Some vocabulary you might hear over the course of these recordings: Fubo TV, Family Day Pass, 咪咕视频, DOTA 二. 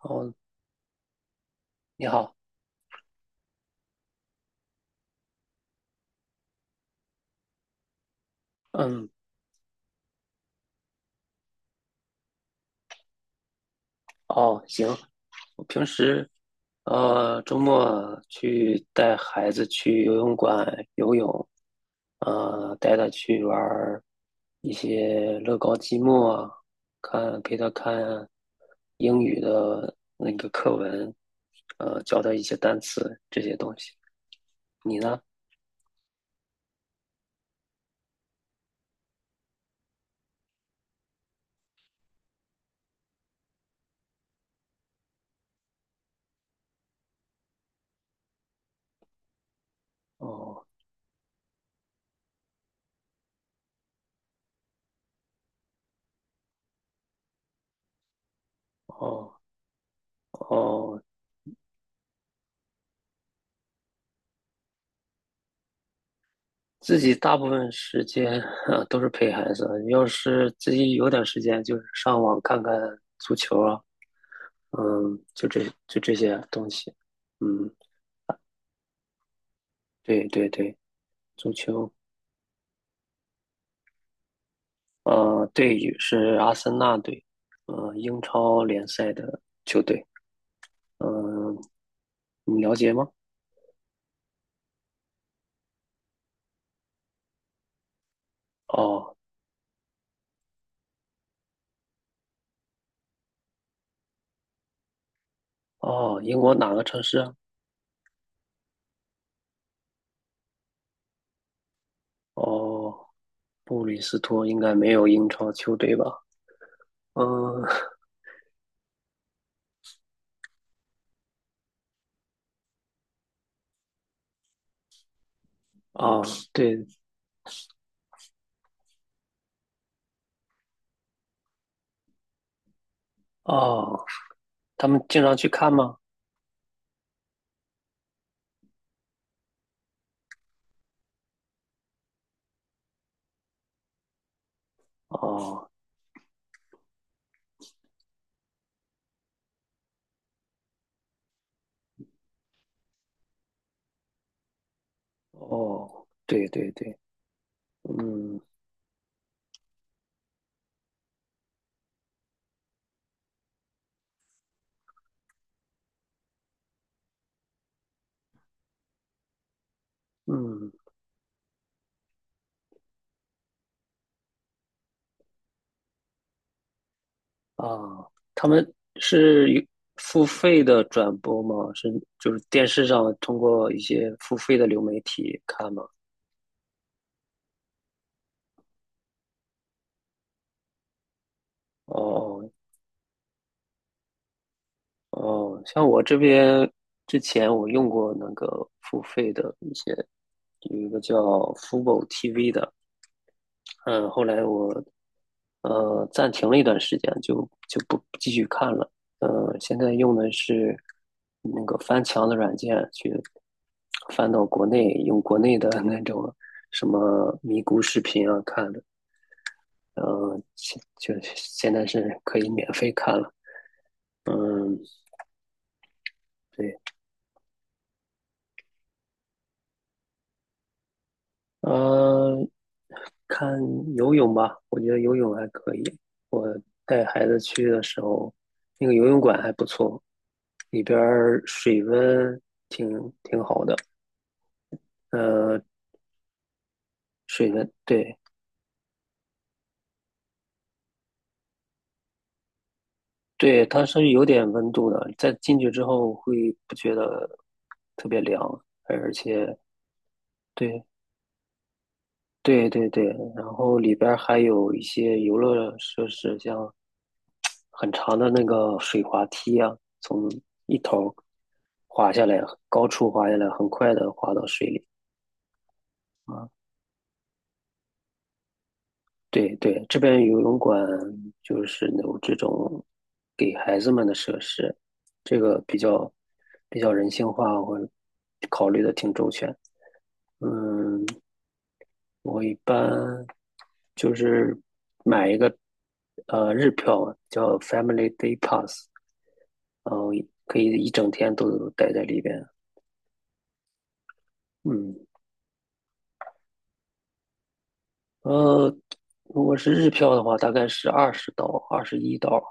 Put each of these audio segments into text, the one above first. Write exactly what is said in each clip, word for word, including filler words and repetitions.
哦，你好。嗯，哦，行，我平时呃周末去带孩子去游泳馆游泳。呃，带他去玩儿一些乐高积木啊，看陪他看英语的那个课文。呃，教他一些单词这些东西。你呢？哦哦哦，自己大部分时间啊都是陪孩子，要是自己有点时间，就是上网看看足球啊。嗯，就这就这些东西。嗯，对对对，足球。呃，队宇是阿森纳队。呃，英超联赛的球队。嗯、你了解吗？哦哦，英国哪个城市啊？哦，布里斯托应该没有英超球队吧？嗯，哦，对，哦，他们经常去看吗？哦哦，对对对，嗯嗯啊，他们是有付费的转播吗？是就是电视上通过一些付费的流媒体看吗？哦哦，像我这边之前我用过那个付费的一些，有一个叫 Fubo T V 的。嗯，后来我呃，暂停了一段时间，就就不不继续看了。呃，现在用的是那个翻墙的软件去翻到国内，用国内的那种什么咪咕视频啊看的。呃，现就现在是可以免费看了。嗯，对。呃，看游泳吧，我觉得游泳还可以。我带孩子去的时候，那个游泳馆还不错，里边儿水温挺挺好的。呃，水的，对对，它是有点温度的，在进去之后会不觉得特别凉，而且对对对对，然后里边儿还有一些游乐设施，像很长的那个水滑梯啊，从一头儿滑下来，高处滑下来，很快的滑到水里。啊对对，这边游泳馆就是有这种给孩子们的设施，这个比较比较人性化，我考虑的挺周全。嗯，我一般就是买一个呃日票嘛叫 Family Day Pass。然后可以一整天都待在里边。嗯，呃，如果是日票的话，大概是二十刀，二十一刀。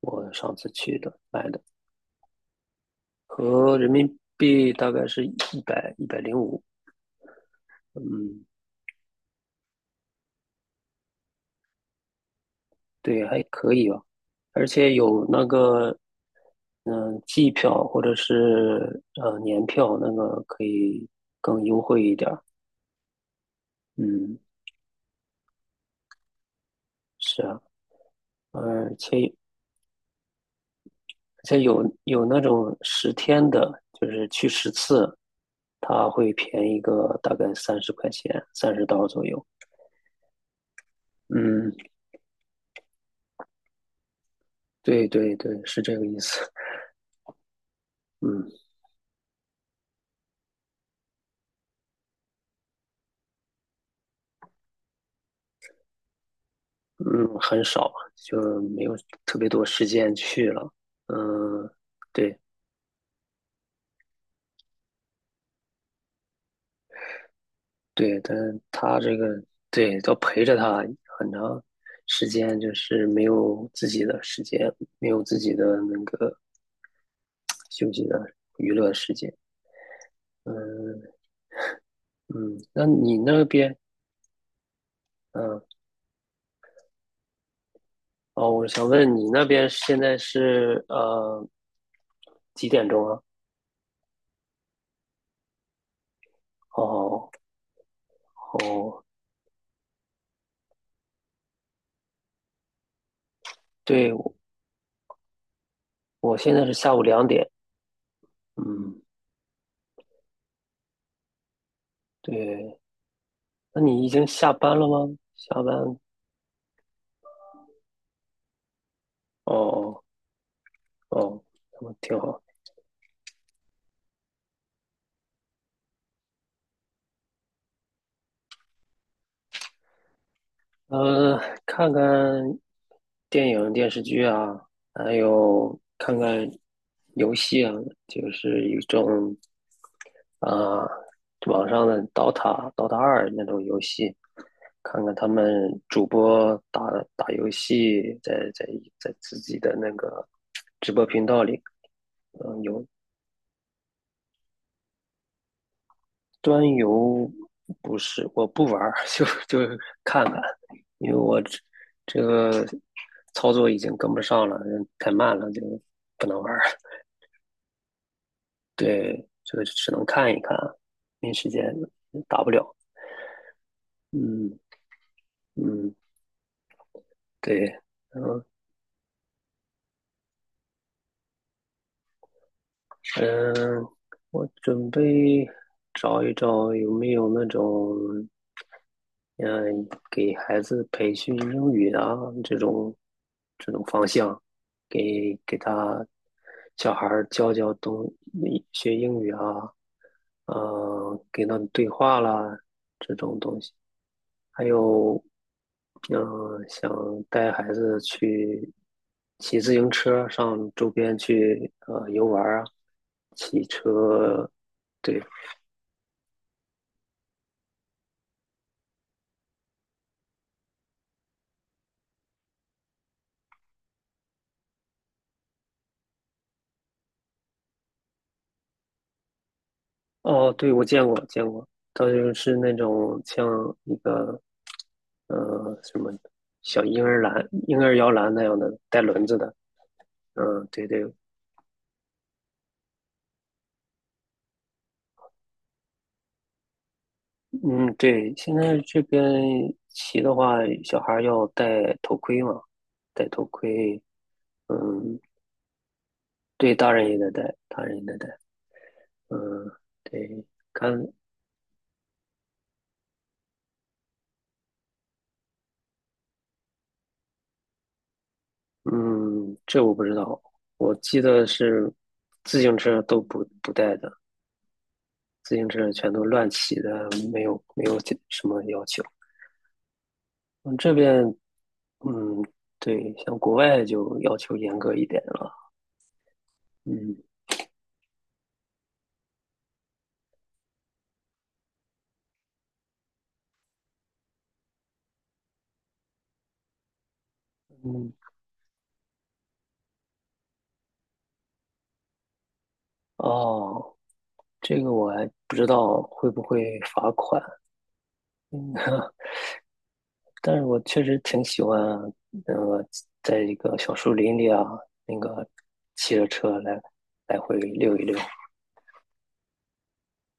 我上次去的买的。和人民币大概是一百一百零五，嗯，对，还可以吧。而且有那个，嗯、季票或者是呃年票，那个可以更优惠一点儿。嗯，是啊，而且而且有有那种十天的，就是去十次，它会便宜个大概三十块钱，三十刀左右。嗯，对对对，是这个意思。嗯。嗯，很少，就没有特别多时间去了。嗯，对对，但是他这个对都陪着他很长时间，就是没有自己的时间，没有自己的那个休息的娱乐时间。嗯嗯，那你那边，嗯，哦，我想问你那边现在是呃几点钟啊？哦哦，对，我现在是下午两点。嗯，对。那你已经下班了吗？下班哦哦，那挺好。呃，看看电影、电视剧啊，还有看看游戏啊，就是一种啊、网上的 DOTA、DOTA 二那种游戏，看看他们主播打打游戏在，在在自己的那个直播频道里。嗯、有。端游不是，我不玩儿，就就是看看。因为我这这个操作已经跟不上了，太慢了，就不能玩儿。对，这个只能看一看啊，没时间，打不了。嗯嗯，对，然后嗯，我准备找一找有没有那种嗯，给孩子培训英语啊，这种这种方向，给给他小孩儿教教东学英语啊，呃，给他们对话啦这种东西，还有嗯、呃想带孩子去骑自行车上周边去呃游玩儿啊，骑车，对，哦，对，我见过见过。它就是那种像一个嗯，什么小婴儿篮、婴儿摇篮那样的，带轮子的。嗯，对对，嗯，对，现在这边骑的话，小孩儿要戴头盔嘛，戴头盔，嗯，对，大人也得戴，大人也得戴，嗯，对，看，嗯，这我不知道，我记得是自行车都不不带的，自行车全都乱骑的，没有没有什么要求。嗯，这边嗯，对，像国外就要求严格一点了。嗯嗯，哦，这个我还不知道会不会罚款。嗯，但是我确实挺喜欢，呃，在一个小树林里啊，那个骑着车来来回溜一溜。